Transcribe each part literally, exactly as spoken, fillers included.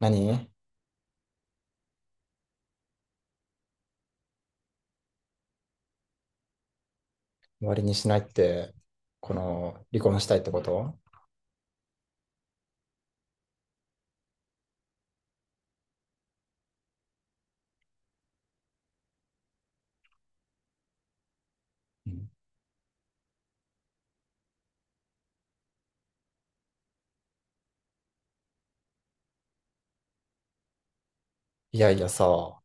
何？終わりにしないって、この、離婚したいってこと？うんいやいやさ、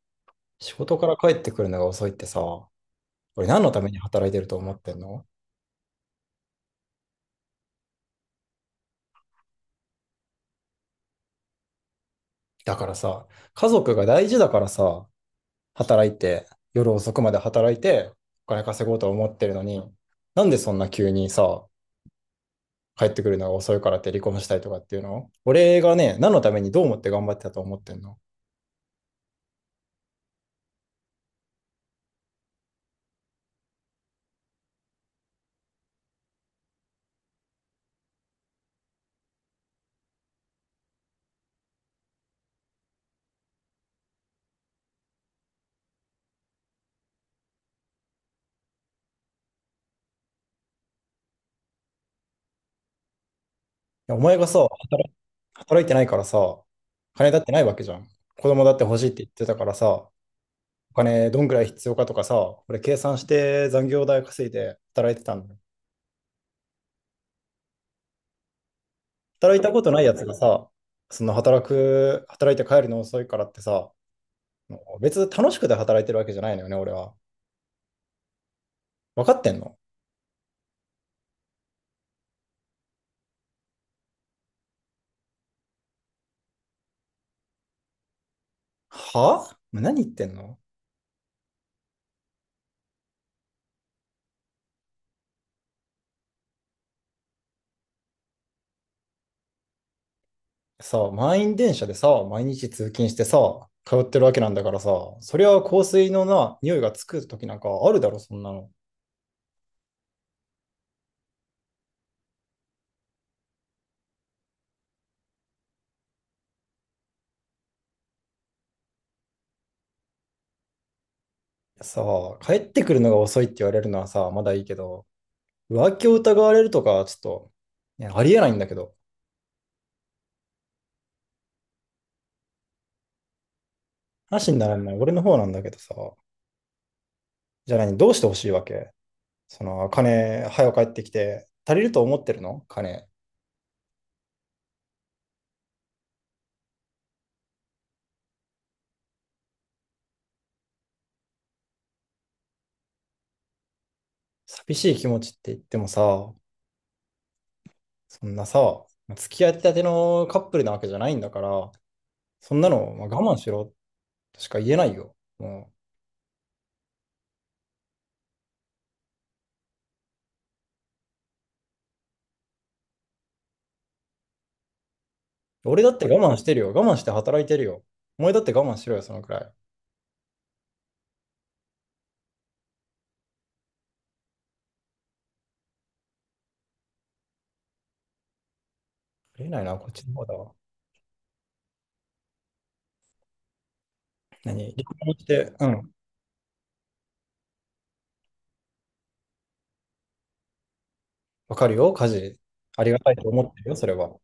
仕事から帰ってくるのが遅いってさ、俺何のために働いてると思ってんの？だからさ、家族が大事だからさ、働いて、夜遅くまで働いて、お金稼ごうと思ってるのに、なんでそんな急にさ、帰ってくるのが遅いからって離婚したいとかっていうの？俺がね、何のためにどう思って頑張ってたと思ってんの？いやお前がさ、働いてないからさ、金だってないわけじゃん。子供だって欲しいって言ってたからさ、お金どんくらい必要かとかさ、俺計算して残業代稼いで働いてたんだよ。働いたことないやつがさ、その働く、働いて帰るの遅いからってさ、別に楽しくて働いてるわけじゃないのよね、俺は。分かってんの？はあ？何言ってんの？さ満員電車でさ、毎日通勤してさ、通ってるわけなんだからさ、そりゃ香水のな、匂いがつく時なんかあるだろ、そんなの。さあ、帰ってくるのが遅いって言われるのはさ、まだいいけど、浮気を疑われるとか、ちょっと、ねありえないんだけど、話にならない、俺の方なんだけどさ、じゃあ何、どうしてほしいわけ？その、金、早く帰ってきて、足りると思ってるの？金。寂しい気持ちって言ってもさ、そんなさ、付き合いたてのカップルなわけじゃないんだから、そんなの、まあ、我慢しろとしか言えないよ。もう、俺だって我慢してるよ。我慢して働いてるよ。お前だって我慢しろよ、そのくらい。ありえないな、こっちの方だわ。何離婚して、うん、わかるよ、家事。ありがたいと思ってるよ、それは。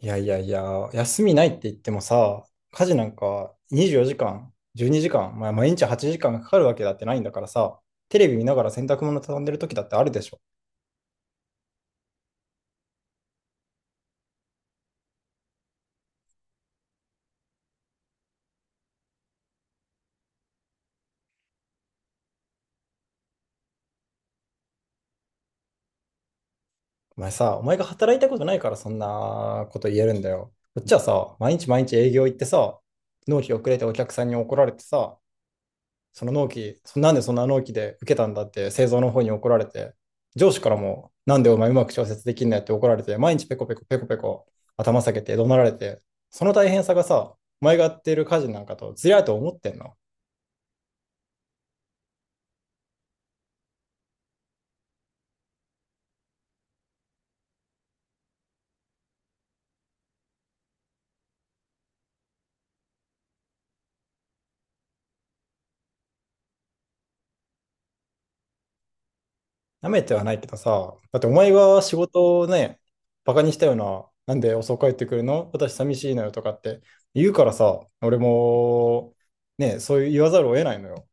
いやいやいや、休みないって言ってもさ、家事なんかにじゅうよじかん、じゅうにじかん、まあ、毎日はちじかんがかかるわけだってないんだからさ、テレビ見ながら洗濯物畳んでる時だってあるでしょ。お前さ、お前が働いたことないからそんなこと言えるんだよ。こっちはさ、毎日毎日営業行ってさ、納期遅れてお客さんに怒られてさ、その納期、そなんでそんな納期で受けたんだって製造の方に怒られて、上司からも、なんでお前うまく調節できんのやって怒られて、毎日ペコペコペコペコ頭下げて怒鳴られて、その大変さがさ、お前がやってる家事なんかとずりゃと思ってんの？なめてはないけどさ、だってお前が仕事をね、バカにしたような、なんで遅く帰ってくるの私寂しいのよとかって言うからさ、俺も、ね、そう言わざるを得ないのよ。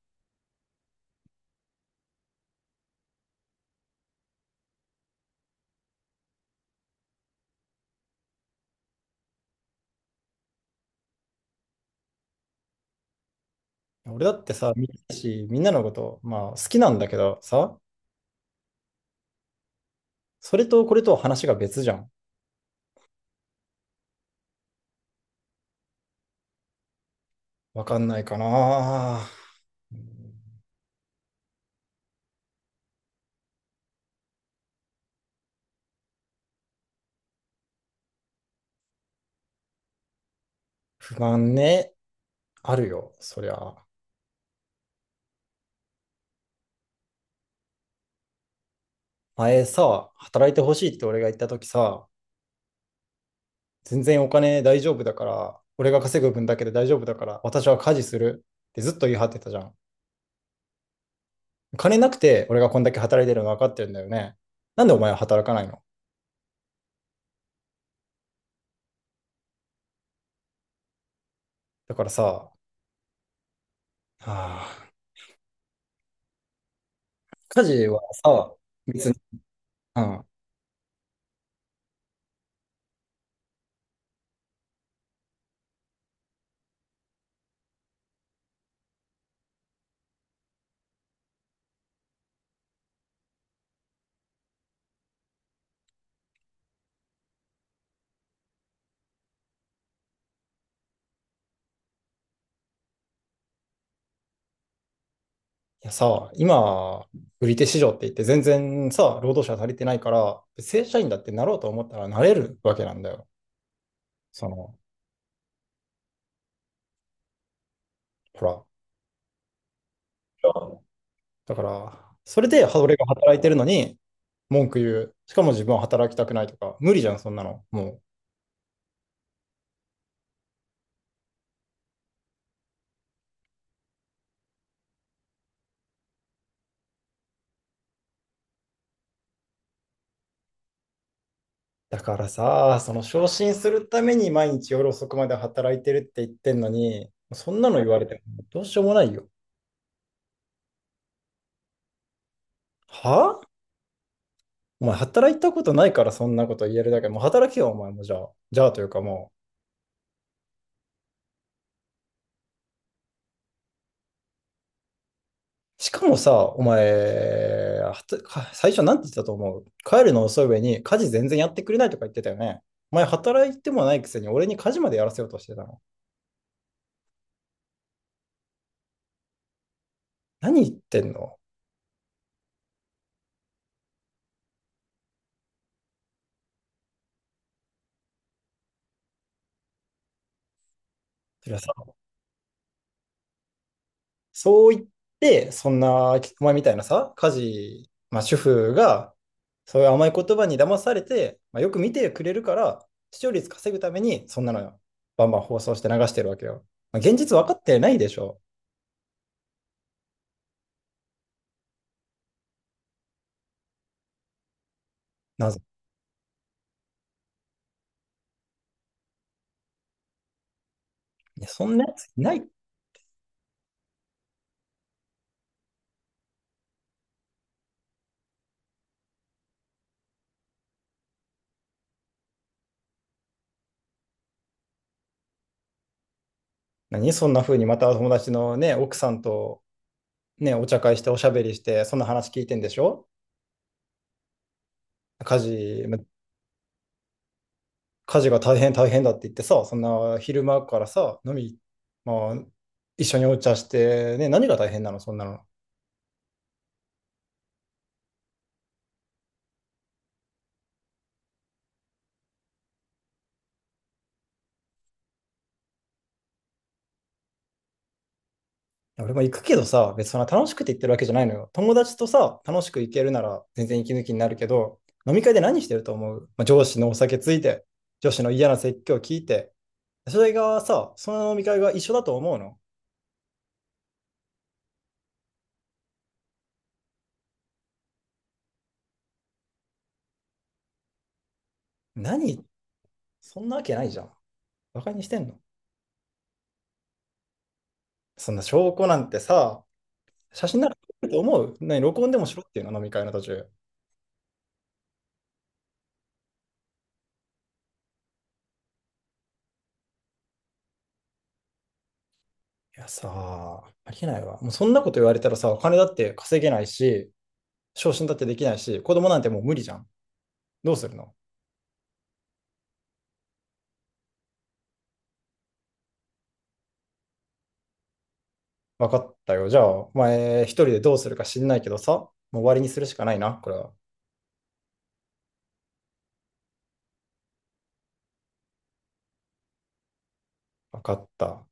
俺だってさ、みんなしみんなのこと、まあ好きなんだけどさ、それとこれとは話が別じゃん。わかんないかな。不安ね。あるよ、そりゃ。前さ、働いてほしいって俺が言った時さ、全然お金大丈夫だから、俺が稼ぐ分だけで大丈夫だから、私は家事するってずっと言い張ってたじゃん。金なくて俺がこんだけ働いてるの分かってるんだよね。なんでお前は働かないの？だからさ、はあ、家事はさ、別に、うん、いやさ、今、売り手市場って言って全然さ、労働者足りてないから、正社員だってなろうと思ったらなれるわけなんだよ。その、ほら。だから、それで俺が働いてるのに、文句言う。しかも自分は働きたくないとか、無理じゃん、そんなの。もう。だからさ、その昇進するために毎日夜遅くまで働いてるって言ってんのに、そんなの言われてもどうしようもないよ。はあ、お前働いたことないからそんなこと言えるだけ。もう働けよ、お前もじゃあ。じゃあというかもう。しかもさ、お前、はたか最初なんて言ってたと思う？帰るの遅い上に家事全然やってくれないとか言ってたよね。お前働いてもないくせに俺に家事までやらせようとしてたの？何言ってんの？それはさ、そう言って、そんな、お前みたいなさ、家事、まあ主婦が、そういう甘い言葉に騙されて、まあ、よく見てくれるから、視聴率稼ぐために、そんなのバンバン放送して流してるわけよ。まあ、現実分かってないでしょ。なぜ？いやそんなやついない。何そんな風にまた友達のね、奥さんとね、お茶会しておしゃべりして、そんな話聞いてんでしょ？家事、ま家事が大変大変だって言ってさ、そんな昼間からさ、飲み、まあ、一緒にお茶して、ね、何が大変なのそんなの。いや俺も行くけどさ、別にそんな楽しくて言ってるわけじゃないのよ。友達とさ、楽しく行けるなら全然息抜きになるけど、飲み会で何してると思う？まあ、上司のお酒ついて、上司の嫌な説教聞いて、それがさ、その飲み会が一緒だと思うの？何言っそんなわけないじゃん。バカにしてんの？そんな証拠なんてさ、写真なら撮れると思う？何、録音でもしろっていうの、飲み会の途中。いやさ、ありえないわ。もうそんなこと言われたらさ、お金だって稼げないし、昇進だってできないし、子供なんてもう無理じゃん。どうするの？わかったよ。じゃあ、お前一人でどうするか知んないけどさ、もう終わりにするしかないな、これは。わかった。